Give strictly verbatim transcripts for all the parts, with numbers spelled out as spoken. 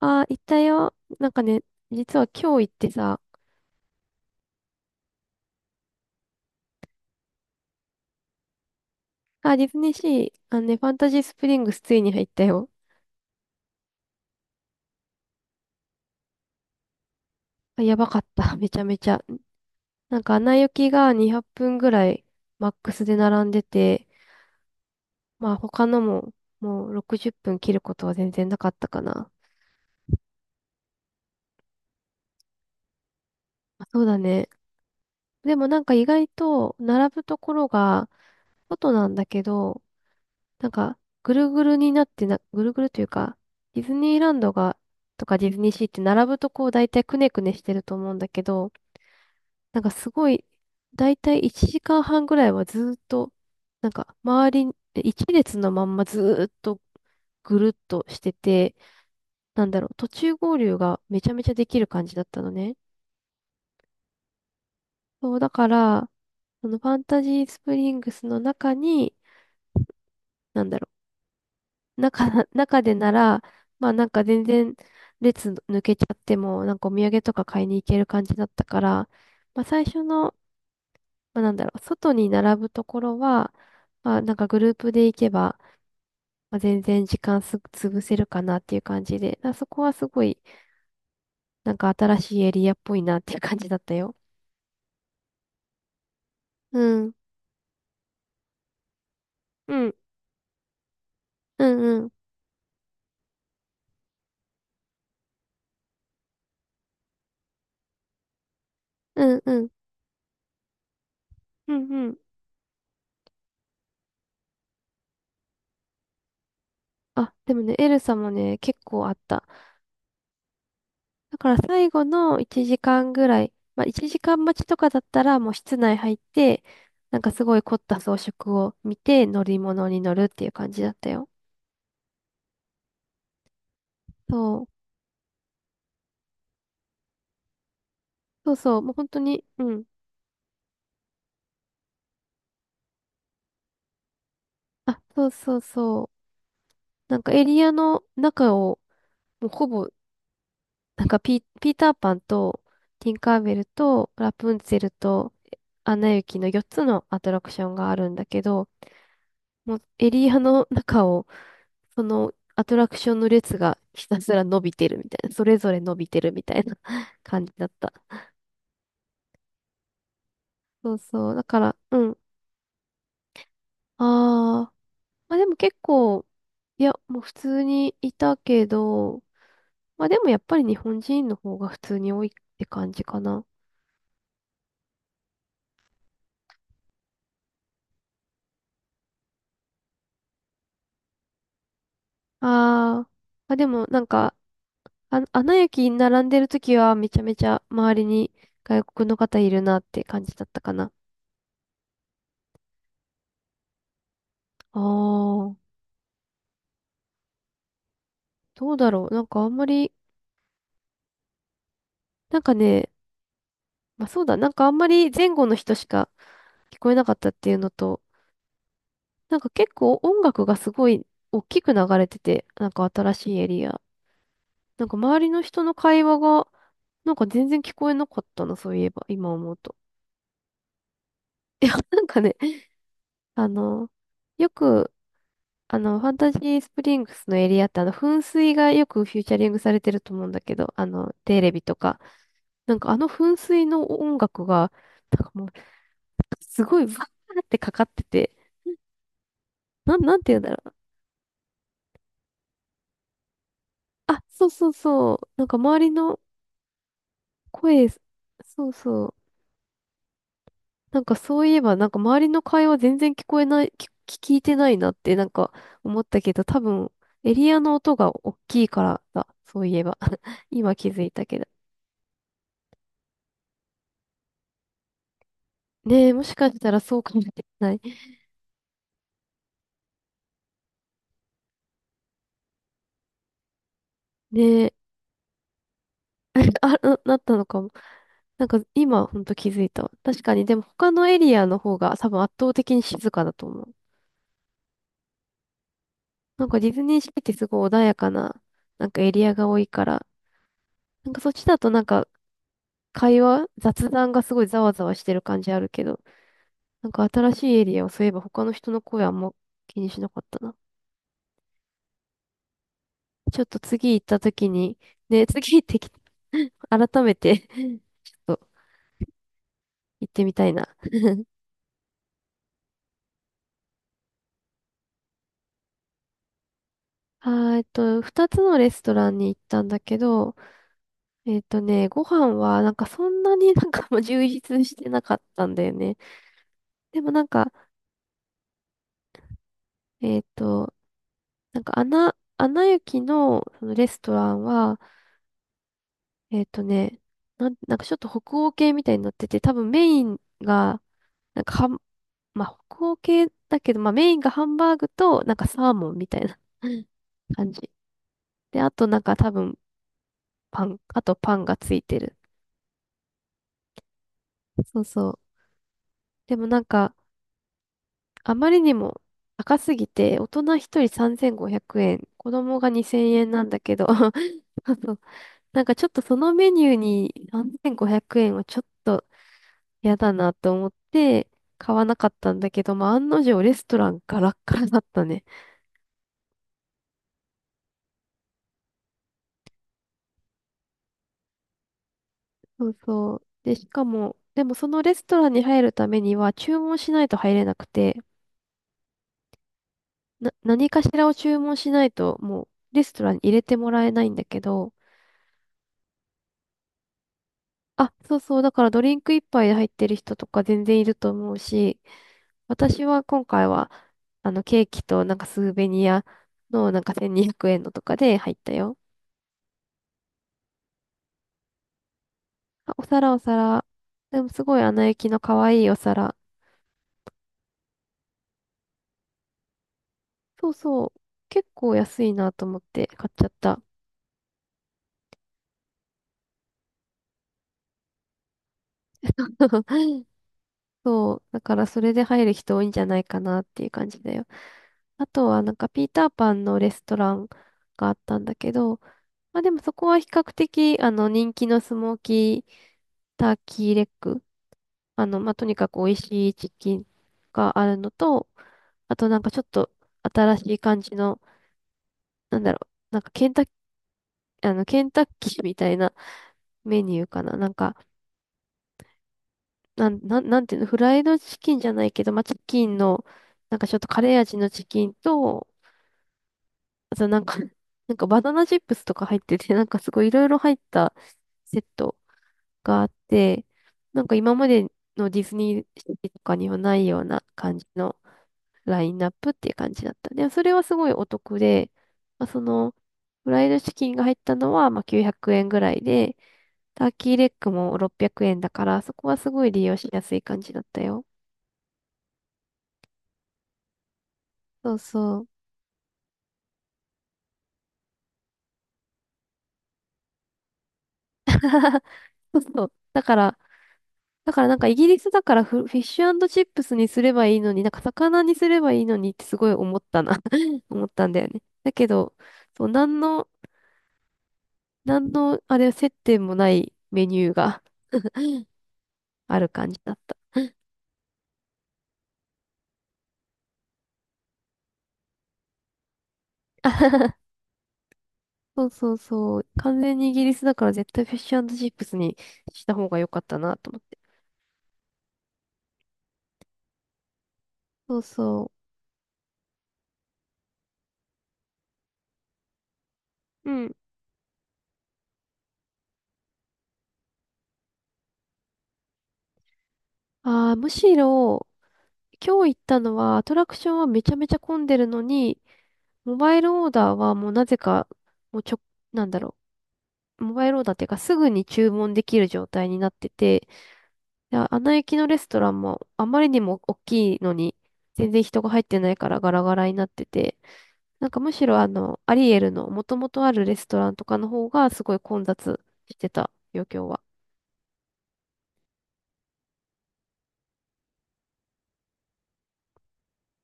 ああ、行ったよ。なんかね、実は今日行ってさ、あ、ディズニーシー、あのね、ファンタジースプリングスついに入ったよ。あ、やばかった。めちゃめちゃ。なんか、アナ雪がにひゃっぷんぐらいマックスで並んでて、まあ、他のも、もうろくじゅっぷん切ることは全然なかったかな。まあそうだね。でもなんか意外と並ぶところが外なんだけど、なんか、ぐるぐるになってな、ぐるぐるというか、ディズニーランドが、とかディズニーシーって並ぶとこう大体くねくねしてると思うんだけど、なんかすごい、大体いちじかんはんぐらいはずーっと、なんか周りに、一列のまんまずーっとぐるっとしてて、なんだろう、途中合流がめちゃめちゃできる感じだったのね。そう、だから、そのファンタジースプリングスの中に、なんだろう中、中でなら、まあなんか全然列抜けちゃっても、なんかお土産とか買いに行ける感じだったから、まあ最初の、まあなんだろう、外に並ぶところは、まあなんかグループで行けば、まあ、全然時間す、潰せるかなっていう感じで、まあそこはすごい、なんか新しいエリアっぽいなっていう感じだったよ。うん。うん。うんうん。うんうん。うんうん。あ、でもね、エルサもね、結構あった。だから最後のいちじかんぐらい、まあいちじかん待ちとかだったらもう室内入って、なんかすごい凝った装飾を見て乗り物に乗るっていう感じだったよ。そう。そうそう。もう本当に、うん。あ、そうそうそう。なんかエリアの中を、もうほぼ、なんかピ、ピーターパンと、ティンカーベルと、ラプンツェルと、アナ雪のよっつのアトラクションがあるんだけど、もうエリアの中を、そのアトラクションの列がひたすら伸びてるみたいな、それぞれ伸びてるみたいな 感じだった。そうそう。だから、うん。あー。まあでも結構、いや、もう普通にいたけど、まあでもやっぱり日本人の方が普通に多いって感じかな。あー。まあでもなんか、あ、アナ雪に並んでる時はめちゃめちゃ周りに外国の方いるなって感じだったかな。あー。どうだろう。なんかあんまり、なんかね、まあそうだ、なんかあんまり前後の人しか聞こえなかったっていうのと、なんか結構音楽がすごい大きく流れてて、なんか新しいエリア。なんか周りの人の会話が、なんか全然聞こえなかったな、そういえば、今思うと。いや、なんかね、あの、よく、あの、ファンタジースプリングスのエリアって、あの、噴水がよくフューチャリングされてると思うんだけど、あの、テレビとか。なんかあの噴水の音楽が、なんかもう、すごいバーってかかってて、なん、なんて言うんだろう。あ、そうそうそう。なんか周りの声、そうそう。なんかそういえば、なんか周りの会話全然聞こえない、聞、聞いてないなってなんか思ったけど、多分エリアの音が大きいからだ。そういえば。今気づいたけど。ねえ、もしかしたらそうかもしれない。ねえ、あ、な、なったのかも。なんか今ほんと気づいたわ。確かに、でも他のエリアの方が多分圧倒的に静かだと思う。なんかディズニーシーってすごい穏やかな、なんかエリアが多いから、なんかそっちだとなんか会話、雑談がすごいざわざわしてる感じあるけど、なんか新しいエリアをそういえば他の人の声あんま気にしなかったな。ちょっと次行った時に、ね、次行ってき、改めて ちょっと行ってみたいな。あー、えっと、二つのレストランに行ったんだけど、えっとね、ご飯はなんかそんなに なんかもう充実してなかったんだよね。でもなんか、えっと、なんかアナ、アナ雪のそのレストランは、えっとね、なん、なんかちょっと北欧系みたいになってて、多分メインが、なんかはん、まあ北欧系だけど、まあメインがハンバーグと、なんかサーモンみたいな 感じ。で、あとなんか多分パン、あとパンがついてる。そうそう。でもなんか、あまりにも高すぎて、大人一人さんぜんごひゃくえん、子供がにせんえんなんだけど、そうそう。なんかちょっとそのメニューにさんぜんごひゃくえんはちょっと嫌だなと思って、買わなかったんだけど、まあ、案の定レストランガラッガラだったね。そうそう。で、しかも、でもそのレストランに入るためには注文しないと入れなくて、な、何かしらを注文しないと、もうレストランに入れてもらえないんだけど、あ、そうそう、だからドリンク一杯で入ってる人とか全然いると思うし、私は今回は、あの、ケーキとなんかスーベニアのなんかせんにひゃくえんのとかで入ったよ。あお皿、お皿。でもすごいアナ雪の可愛いお皿。そうそう。結構安いなと思って買っちゃった。そう。だからそれで入る人多いんじゃないかなっていう感じだよ。あとはなんかピーターパンのレストランがあったんだけど、まあでもそこは比較的あの人気のスモーキーターキーレッグ。あの、まあとにかく美味しいチキンがあるのと、あとなんかちょっと新しい感じの、なんだろう、なんかケンタッあの、ケンタッキーみたいなメニューかな。なんか、なん、なん、なんていうの、フライドチキンじゃないけど、まあ、チキンの、なんかちょっとカレー味のチキンと、あとなんか、なんかバナナチップスとか入ってて、なんかすごいいろいろ入ったセットがあって、なんか今までのディズニーシーとかにはないような感じのラインナップっていう感じだった。で、それはすごいお得で、まあ、その、フライドチキンが入ったのは、まあ、きゅうひゃくえんぐらいで、ターキーレッグもろっぴゃくえんだから、そこはすごい利用しやすい感じだったよ。そうそう。そうそう。だから、だからなんかイギリスだからフ、フィッシュチップスにすればいいのに、なんか魚にすればいいのにってすごい思ったな 思ったんだよね。だけど、そう、なんの、なんの、あれ、接点もないメニューがある感じだった。そうそうそう。完全にイギリスだから絶対フィッシュチップスにした方が良かったなと思って。そうそう。うん。ああ、むしろ、今日行ったのはアトラクションはめちゃめちゃ混んでるのに、モバイルオーダーはもうなぜか、もうちょ、なんだろう、モバイルオーダーっていうかすぐに注文できる状態になってて、で、アナ雪のレストランもあまりにも大きいのに全然人が入ってないからガラガラになってて、なんかむしろあの、アリエルの元々あるレストランとかの方がすごい混雑してたよ、今日は。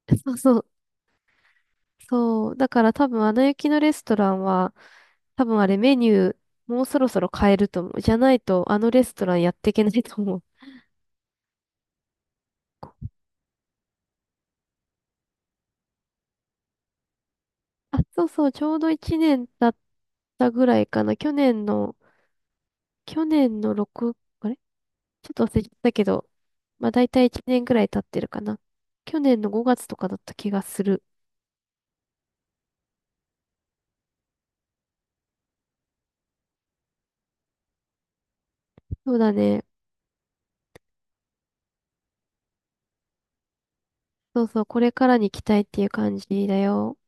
そうそう。そう。だから多分、アナ雪のレストランは、多分あれメニュー、もうそろそろ変えると思う。じゃないと、あのレストランやっていけないと思う。あ、そうそう、ちょうどいちねん経ったぐらいかな。去年の、去年の6、あれちょっと忘れちゃったけど、まあ大体いちねんぐらい経ってるかな。去年のごがつとかだった気がする。そうだね。そうそう、これからに期待っていう感じだよ。